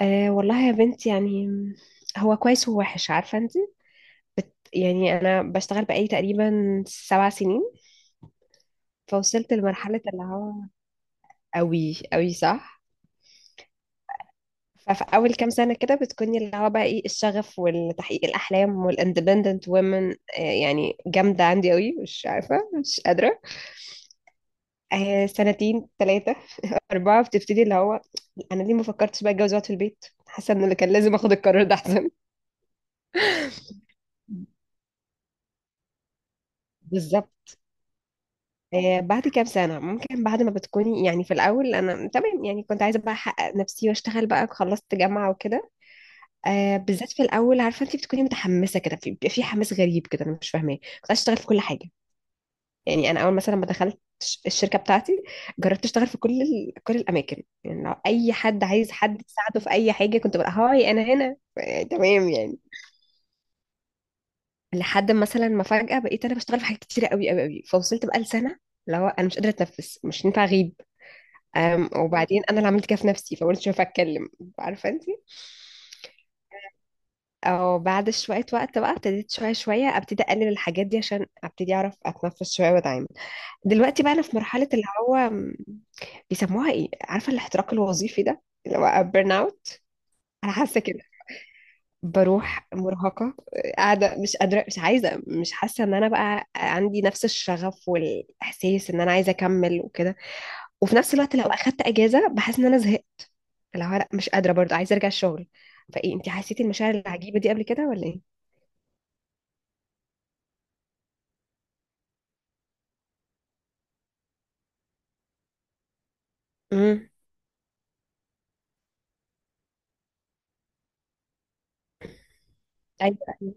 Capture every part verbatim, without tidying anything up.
أه والله يا بنت، يعني هو كويس ووحش عارفة انت. بت يعني انا بشتغل بقالي تقريبا سبع سنين، فوصلت لمرحلة اللي هو قوي قوي، صح. ففي اول كام سنة كده بتكوني اللي هو بقى ايه، الشغف والتحقيق الاحلام والاندبندنت وومن. أه يعني جامدة عندي قوي، مش عارفة مش قادرة. أه سنتين ثلاثة أربعة بتبتدي اللي هو انا ليه ما فكرتش بقى اتجوز واقعد في البيت، حاسة ان اللي كان لازم اخد القرار ده احسن. بالظبط. آه، بعد كام سنة ممكن بعد ما بتكوني، يعني في الأول أنا تمام، يعني كنت عايزة بقى أحقق نفسي وأشتغل بقى، خلصت جامعة وكده. آه بالذات في الأول عارفة أنت بتكوني متحمسة كده في- بيبقى في حماس غريب كده أنا مش فاهماه، كنت عايزة أشتغل في كل حاجة. يعني أنا أول مثلا ما دخلت الش- الشركة بتاعتي جربت أشتغل في كل ال... كل الأماكن، يعني لو أي حد عايز حد يساعده في أي حاجة كنت بقى هاي أنا هنا، آه، تمام يعني. لحد مثلا ما فجأة بقيت أنا بشتغل في حاجات كتيرة قوي قوي قوي، فوصلت بقى لسنة اللي هو أنا مش قادرة أتنفس، مش ينفع أغيب. أم، وبعدين انا اللي عملت كده في نفسي، فقلت شوف اتكلم، عارفه انت. او بعد شويه وقت بقى ابتديت شويه شويه ابتدي اقلل الحاجات دي عشان ابتدي اعرف اتنفس شويه واتعامل. دلوقتي بقى انا في مرحله اللي هو م، بيسموها ايه، عارفه، الاحتراق الوظيفي ده اللي هو بيرن اوت. انا حاسه كده، بروح مرهقه، قاعده مش قادره مش عايزه، مش حاسه ان انا بقى عندي نفس الشغف والاحساس ان انا عايزه اكمل وكده. وفي نفس الوقت لو اخدت اجازه بحس ان انا زهقت، اللي هو لا مش قادرة برضه، عايزة ارجع الشغل. فايه، انت حسيتي المشاعر العجيبة دي قبل كده ولا ايه؟ امم ايوه أيوة.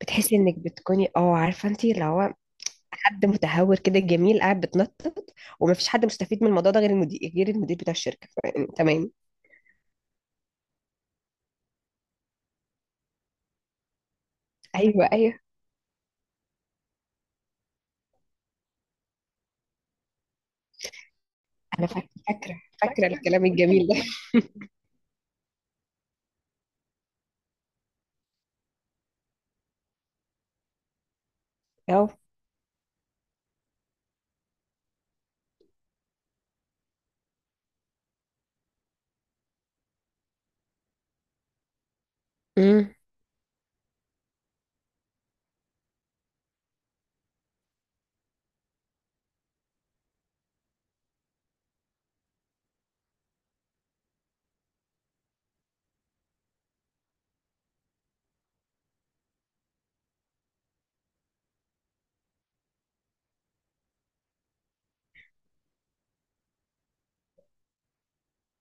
بتحسي انك بتكوني، اه عارفه انت اللي هو حد متهور كده جميل قاعد بتنطط. ومفيش حد مستفيد من الموضوع ده غير المدير، غير المدير بتاع الشركه، ف- تمام. ايوه ايوه، انا فاك- فاكره فاكره الكلام الجميل ده. اه. امم.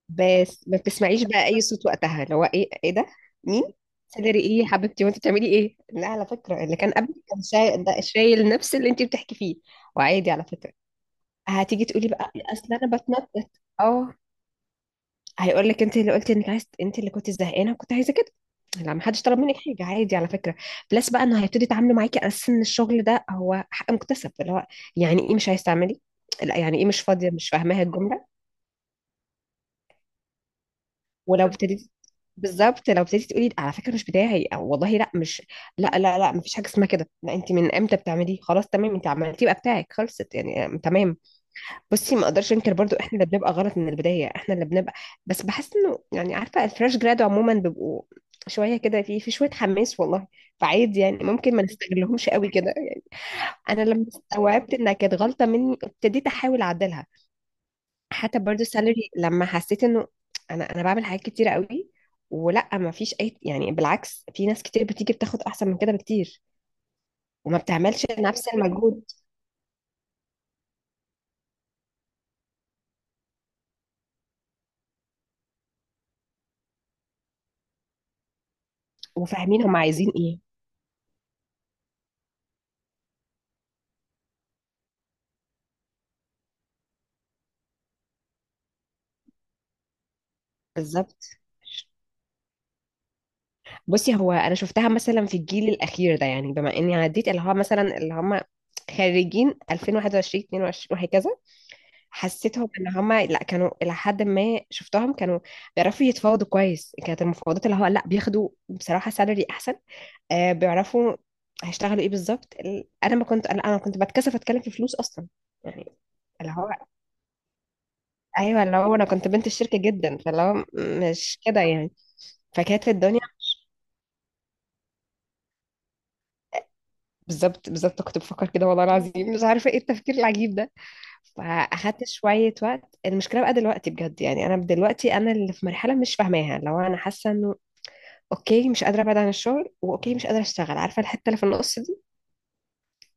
بس ما بتسمعيش بقى اي صوت وقتها، اللي هو ايه ايه ده، مين، سالري ايه يا حبيبتي وانت بتعملي ايه. لا على فكره، اللي كان قبل كان شايل ده، شايل نفس اللي انت بتحكي فيه. وعادي على فكره. هتيجي تقولي بقى اصل انا بتنطط. اه، هيقول لك انت اللي قلتي انك عايز، انت اللي كنت زهقانه وكنت عايزه كده. لا، ما حدش طلب منك حاجه، عادي على فكره. بلس بقى انه هيبتدي يتعاملوا معاكي على اساس ان الشغل ده هو حق مكتسب، اللي هو يعني ايه مش عايز تعملي، لا يعني ايه مش فاضيه مش فاهماها الجمله. ولو ابتديتي، بالظبط لو ابتديتي تقولي على فكره مش بتاعي او والله لا مش، لا لا لا مفيش حاجه اسمها كده، لا انت من امتى بتعمليه، خلاص تمام انت عملتيه بقى بتاعك، خلصت يعني. آم، تمام. بصي ما اقدرش انكر برضو احنا اللي بنبقى غلط من البدايه، احنا اللي بنبقى. بس بحس انه يعني عارفه، الفريش جراد عموما بيبقوا شويه كده، في في شويه حماس والله، فعادي يعني ممكن ما نستغلهمش قوي كده يعني. انا لما استوعبت انها كانت غلطه مني ابتديت احاول اعدلها. حتى برضو السالري لما حسيت انه انا انا بعمل حاجات كتيره قوي، ولا ما فيش اي، يعني بالعكس في ناس كتير بتيجي بتاخد احسن من كده بكتير وما بتعملش نفس المجهود وفاهمين هم عايزين ايه. بالظبط. بصي، هو انا شفتها مثلا في الجيل الاخير ده، يعني بما اني عديت اللي هو مثلا اللي هم خريجين ألفين وواحد وعشرين اتنين وعشرين وهكذا، حسيتهم ان هم لا، كانوا الى حد ما شفتهم كانوا بيعرفوا يتفاوضوا كويس، كانت المفاوضات اللي هو لا بياخدوا بصراحه سالري احسن. آه، بيعرفوا هيشتغلوا ايه بالظبط. ال- انا ما كنت، انا أنا كنت بتكسف اتكلم في فلوس اصلا يعني. اللي هو ايوه، اللي هو انا كنت بنت الشركه جدا، فاللي هو مش كده يعني. فكانت الدنيا مش- بالظبط بالظبط، كنت بفكر كده والله العظيم، مش عارفه ايه التفكير العجيب ده. فاخدت شويه وقت. المشكله بقى دلوقتي بجد يعني، انا دلوقتي انا اللي في مرحله مش فاهماها، لو انا حاسه انه اوكي مش قادره ابعد عن الشغل، واوكي مش قادره اشتغل، عارفه الحته اللي في النص دي،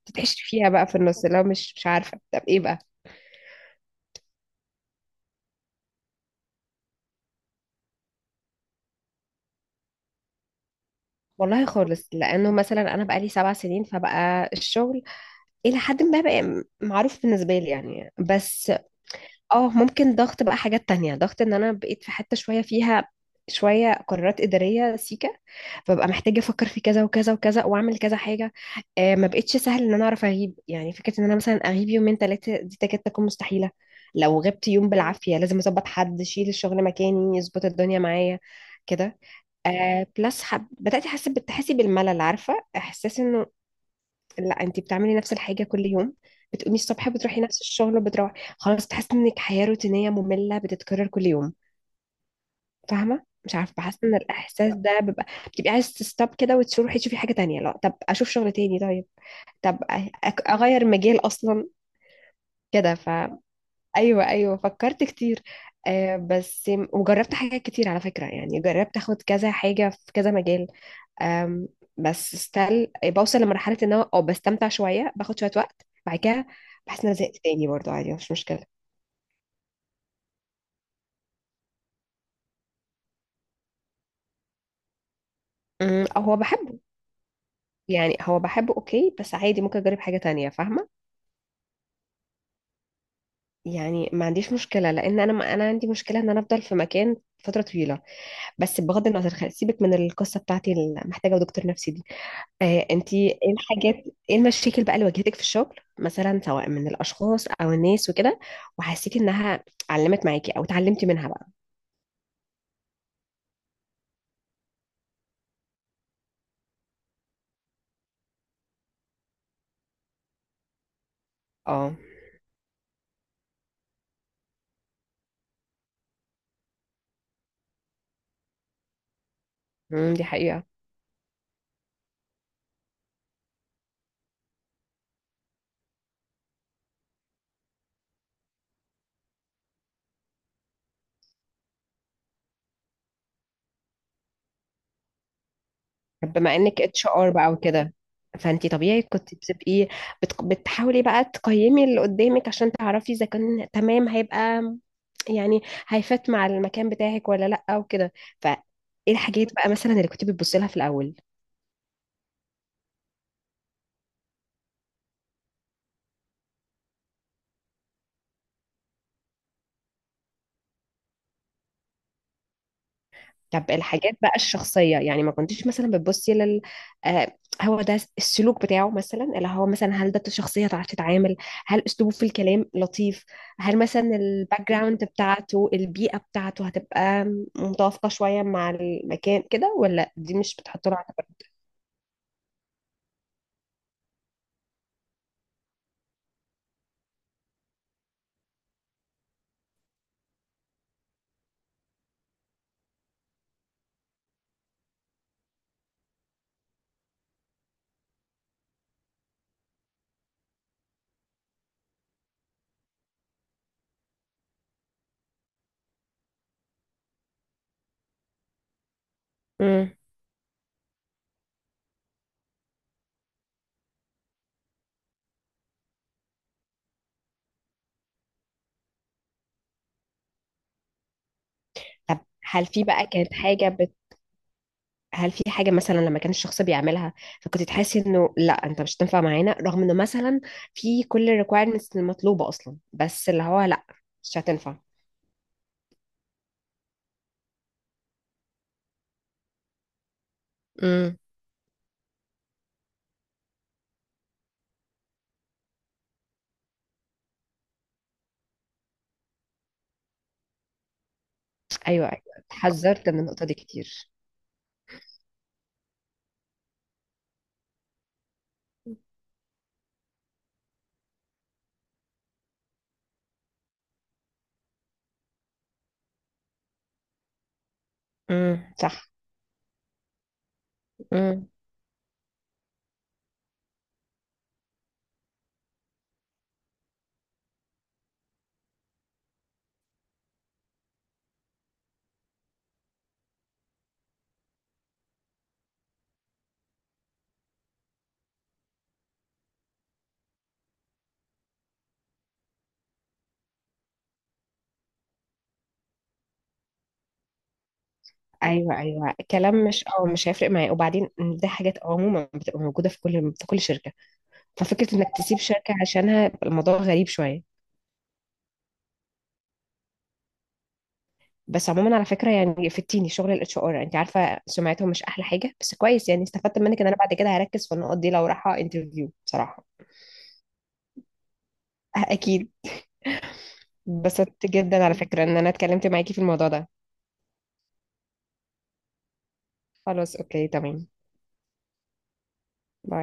بتتعيش فيها بقى في النص، اللي هو مش مش عارفه طب ايه بقى. والله خالص، لانه مثلا انا بقالي سبع سنين فبقى الشغل الى حد ما بقى م- معروف بالنسبه لي يعني. بس اه ممكن ضغط بقى، حاجات تانية، ضغط ان انا بقيت في حته شويه فيها شويه قرارات اداريه سيكه، فبقى محتاجه افكر في كذا وكذا وكذا واعمل كذا حاجه. آه ما بقتش سهل ان انا اعرف اغيب، يعني فكره ان انا مثلا اغيب يومين ثلاثه دي تكاد تكون مستحيله. لو غبت يوم مم. بالعافيه لازم اظبط حد يشيل الشغل مكاني، يظبط الدنيا معايا كده. آه بلس حب... بدأت أحس، بتحسي بالملل، عارفة إحساس إنه لا أنت بتعملي نفس الحاجة كل يوم، بتقومي الصبح بتروحي نفس الشغل وبتروحي، خلاص بتحسي إنك حياة روتينية مملة بتتكرر كل يوم. فاهمة، مش عارفة بحس إن الإحساس ده بيبقى بتبقي عايز تستوب كده وتروحي تشوفي حاجة تانية. لا طب أشوف شغل تاني، طيب طب أ- أك- أغير مجال أصلا كده. فا أيوه أيوه فكرت كتير. آه بس وجربت حاجات كتير على فكرة، يعني جربت أخد كذا حاجة في كذا مجال. أم، بس ستيل بوصل لمرحلة ان انا او بستمتع شوية باخد شوية وقت، بعد كده بحس ان انا زهقت تاني برضه، عادي مش مشكلة. أم، او هو بحبه، يعني هو بحبه اوكي، بس عادي ممكن اجرب حاجة تانية فاهمة. يعني ما عنديش مشكلة، لان انا ما انا عندي مشكلة ان انا افضل في مكان فترة طويلة. بس بغض النظر خ- سيبك من القصة بتاعتي اللي محتاجة دكتور نفسي دي. آه انتي ايه الحاجات، ايه المشاكل بقى اللي واجهتك في الشغل مثلا سواء من الاشخاص او الناس وكده، وحسيتي انها علمت معاكي او اتعلمتي منها بقى. اه. امم دي حقيقة. طب بما انك اتش ار بقى وكده، فانتي طبيعي كنت بتبقي بت... بتحاولي بقى تقيمي اللي قدامك عشان تعرفي اذا كان تمام هيبقى، يعني هيفات مع المكان بتاعك ولا لا وكده. فايه الحاجات بقى مثلا اللي كنت بتبصي لها في الاول. طب الحاجات بقى الشخصية، يعني ما كنتيش مثلا بتبصي لل، آه هو ده السلوك بتاعه مثلا، اللي هو مثلا هل ده شخصية تعرف تتعامل، هل أسلوبه في الكلام لطيف، هل مثلا الباك جراوند بتاعته، البيئة بتاعته هتبقى متوافقة شوية مع المكان كده، ولا دي مش بتحط له على بالك؟ مم. طب هل في بقى كانت حاجة، هل في حاجة مثلا لما كان الشخص بيعملها فكنت تحسي انه لا انت مش هتنفع معانا، رغم انه مثلا في كل الريكويرمنتس المطلوبة اصلا، بس اللي هو لا مش هتنفع. امم. ايوه ايوه، اتحذرت من النقطة دي كتير. امم صح. امم ايوه ايوه، كلام مش، اه مش هيفرق معايا، وبعدين دي حاجات آه، عموما بتبقى موجودة في كل في كل شركة، ففكرة انك تسيب شركة عشانها الموضوع غريب شوية. بس عموما على فكره، يعني فتيني شغل الاتش ار، انت عارفه سمعتهم مش احلى حاجه، بس كويس يعني استفدت منك ان انا بعد كده هركز في النقط دي لو رايحه انترفيو بصراحه. أه، اكيد. اتبسطت جدا على فكره ان انا اتكلمت معاكي في الموضوع ده. خلاص اوكي تمام. باي.